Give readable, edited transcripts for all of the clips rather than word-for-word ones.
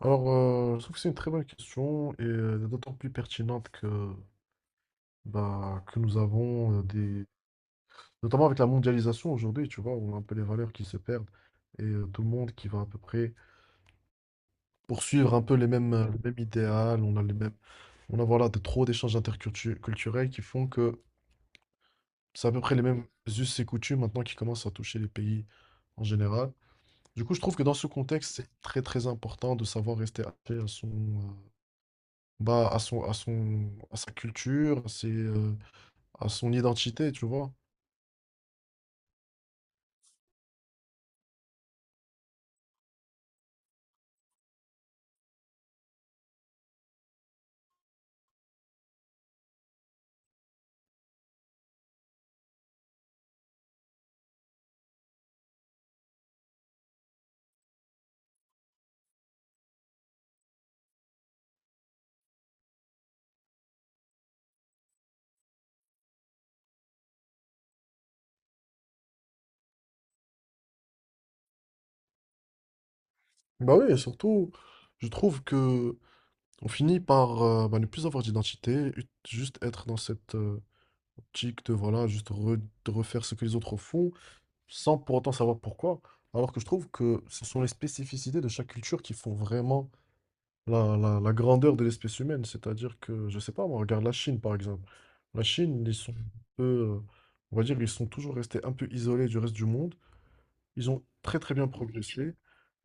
Alors, je trouve que c'est une très bonne question et d'autant plus pertinente que, bah, que nous avons euh, des... Notamment avec la mondialisation aujourd'hui, tu vois, on a un peu les valeurs qui se perdent et tout le monde qui va à peu près poursuivre un peu les mêmes, le même idéal, on a les mêmes... On a voilà, de, trop d'échanges culturels qui font que c'est à peu près les mêmes us et coutumes maintenant qui commencent à toucher les pays en général. Du coup, je trouve que dans ce contexte, c'est très très important de savoir rester attaché à son, bah, à son, à son, à sa culture, à ses, à son identité, tu vois. Bah oui, et surtout, je trouve que on finit par ne plus avoir d'identité, juste être dans cette optique de voilà, de refaire ce que les autres font, sans pour autant savoir pourquoi. Alors que je trouve que ce sont les spécificités de chaque culture qui font vraiment la, la grandeur de l'espèce humaine. C'est-à-dire que, je sais pas, moi, regarde la Chine, par exemple. La Chine, ils sont un peu, on va dire, ils sont toujours restés un peu isolés du reste du monde. Ils ont très, très bien progressé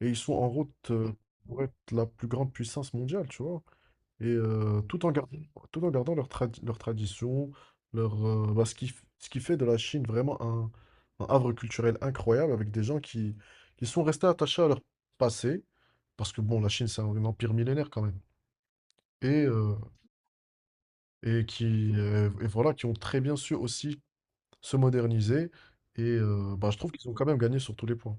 et ils sont en route, pour être la plus grande puissance mondiale, tu vois. Et tout en gardant leur leur tradition, leur, bah, ce qui, ce qui fait de la Chine vraiment un havre culturel incroyable avec des gens qui sont restés attachés à leur passé. Parce que bon, la Chine, c'est un empire millénaire quand même et, heu et qui, et voilà, qui ont très bien su aussi se moderniser et bah, je trouve qu'ils ont quand même gagné sur tous les points.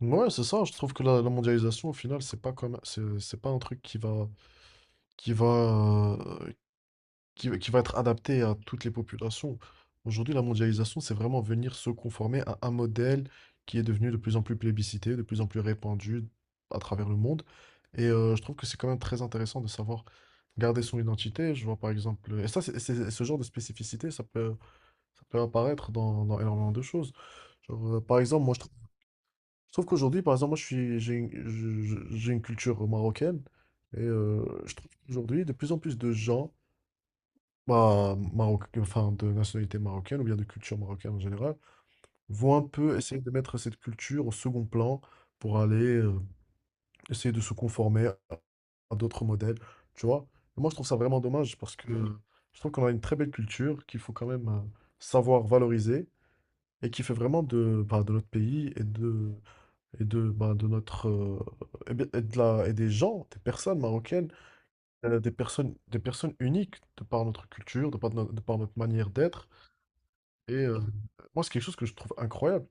Ouais, c'est ça, je trouve que la mondialisation, au final, c'est pas un truc qui va qui va, heu qui va qui va être adapté à toutes les populations. Aujourd'hui, la mondialisation, c'est vraiment venir se conformer à un modèle qui est devenu de plus en plus plébiscité, de plus en plus répandu à travers le monde. Et je trouve que c'est quand même très intéressant de savoir garder son identité. Je vois par exemple, et ça, c'est, ce genre de spécificité, ça peut apparaître dans, dans énormément de choses. Genre, par exemple, moi, je trouve qu'aujourd'hui, par exemple, moi, je suis, j'ai une, j'ai une culture marocaine et je trouve qu'aujourd'hui, de plus en plus de gens bah, Maroc, enfin, de nationalité marocaine ou bien de culture marocaine en général, vont un peu essayer de mettre cette culture au second plan pour aller essayer de se conformer à d'autres modèles, tu vois. Et moi, je trouve ça vraiment dommage parce que je trouve qu'on a une très belle culture qu'il faut quand même savoir valoriser et qui fait vraiment de, bah, de notre pays et de, bah, de notre, et et de la, et des gens, des personnes marocaines, des personnes uniques de par notre culture, de par de par notre manière d'être. Et moi, c'est quelque chose que je trouve incroyable.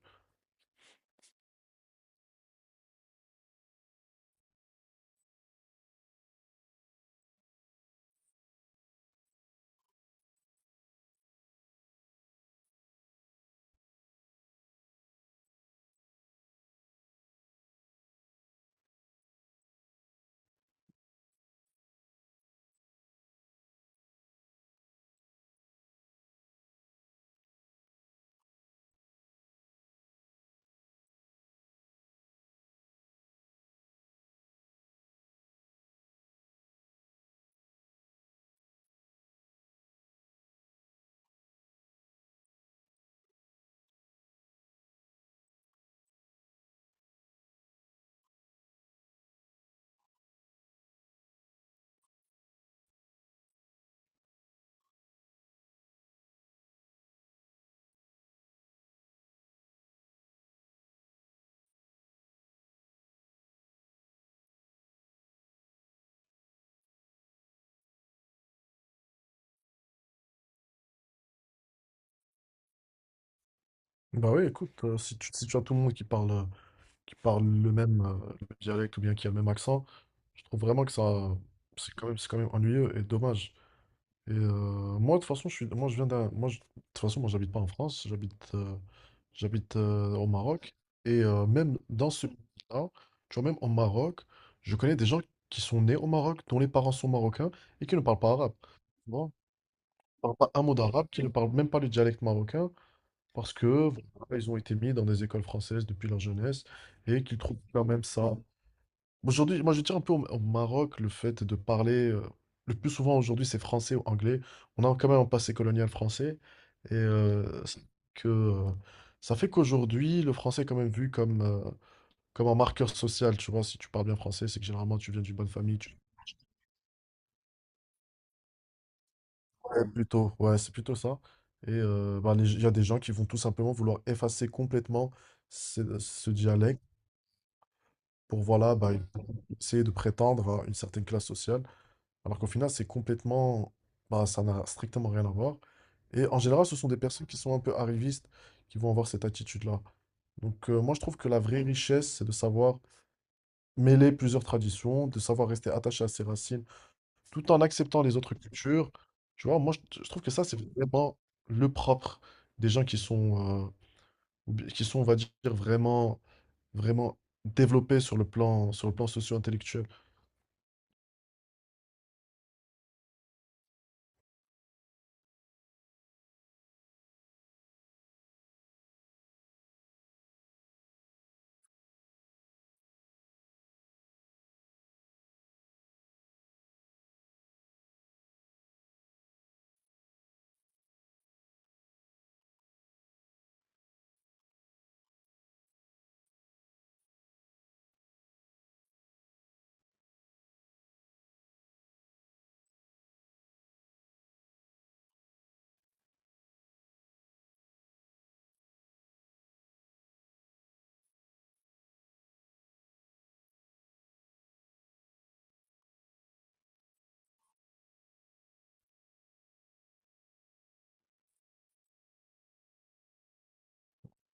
Bah oui, écoute, si tu, si tu as tout le monde qui parle le même dialecte ou bien qui a le même accent, je trouve vraiment que ça, c'est quand même ennuyeux et dommage. Et moi, de toute façon, je suis, moi, je viens d'un, moi, de toute façon, moi, j'habite pas en France, j'habite, j'habite au Maroc. Et même dans ce pays-là, tu vois, même au Maroc, je connais des gens qui sont nés au Maroc, dont les parents sont marocains et qui ne parlent pas arabe. Tu vois, ils parlent pas un mot d'arabe, qui ne parlent même pas le dialecte marocain. Parce que voilà, ils ont été mis dans des écoles françaises depuis leur jeunesse et qu'ils trouvent quand même ça. Aujourd'hui, moi je tiens un peu au, au Maroc le fait de parler le plus souvent aujourd'hui c'est français ou anglais. On a quand même un passé colonial français et euh, ça fait qu'aujourd'hui le français est quand même vu comme comme un marqueur social. Tu vois, si tu parles bien français, c'est que généralement tu viens d'une bonne famille. Ouais, plutôt, ouais, c'est plutôt ça. Et bah, il y a des gens qui vont tout simplement vouloir effacer complètement ce, ce dialecte pour voilà, bah, essayer de prétendre à une certaine classe sociale, alors qu'au final, c'est complètement, bah, ça n'a strictement rien à voir. Et en général, ce sont des personnes qui sont un peu arrivistes qui vont avoir cette attitude-là. Donc, moi, je trouve que la vraie richesse, c'est de savoir mêler plusieurs traditions, de savoir rester attaché à ses racines, tout en acceptant les autres cultures. Tu vois, moi, je trouve que ça, c'est vraiment le propre des gens qui sont, qui sont, on va dire, vraiment, vraiment développés sur le plan socio-intellectuel.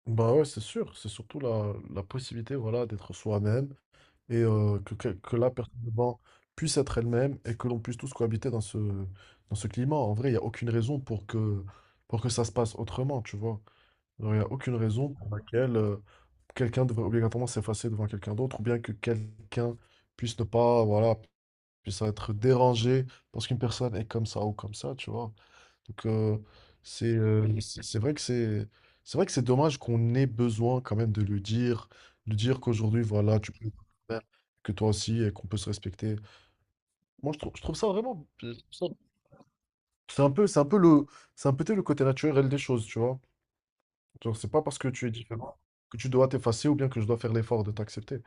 Bah ouais, c'est sûr, c'est surtout la, la possibilité voilà, d'être soi-même et que la personne devant puisse être elle-même et que l'on puisse tous cohabiter dans ce climat. En vrai, il n'y a aucune raison pour que ça se passe autrement, tu vois. Genre, il n'y a aucune raison pour laquelle quelqu'un devrait obligatoirement s'effacer devant quelqu'un d'autre ou bien que quelqu'un puisse ne pas, voilà, puisse être dérangé parce qu'une personne est comme ça ou comme ça, tu vois. Donc, c'est vrai que c'est dommage qu'on ait besoin quand même de le dire, de dire qu'aujourd'hui, voilà, tu peux faire, que toi aussi, et qu'on peut se respecter. Moi, je trouve ça vraiment... je trouve ça- c'est un peu, c'est un peu le, c'est un peu le côté naturel des choses, tu vois. Genre, c'est pas parce que tu es différent que tu dois t'effacer ou bien que je dois faire l'effort de t'accepter.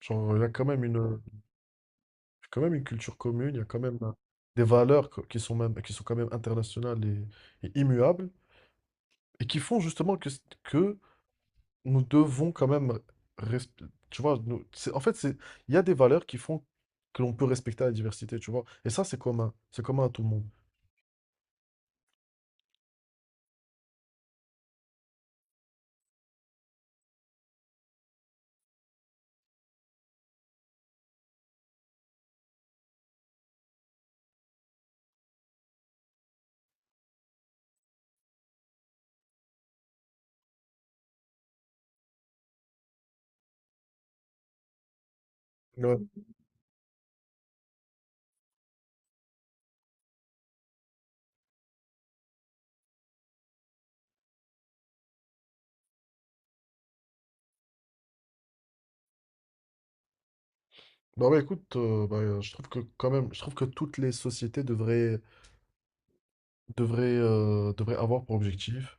Genre, il y a quand même une culture commune, il y a quand même des valeurs qui sont même, qui sont quand même internationales et immuables et qui font justement que, que nous devons quand même, tu vois, c'est, en fait, c'est, il y a des valeurs qui font que l'on peut respecter la diversité, tu vois. Et ça, c'est commun à tout le monde. Ouais. Bah ouais, écoute, je trouve que quand même, je trouve que toutes les sociétés devraient, devraient, devraient avoir pour objectif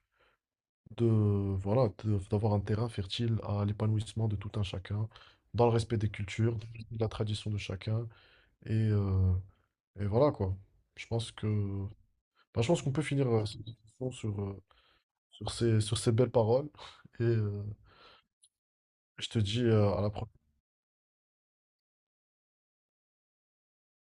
de, voilà, d'avoir un terrain fertile à l'épanouissement de tout un chacun, dans le respect des cultures, de la tradition de chacun, et, euh, et voilà quoi. Je pense que, bah, je pense qu'on peut finir cette discussion sur, sur ces belles paroles. Et je te dis à la prochaine.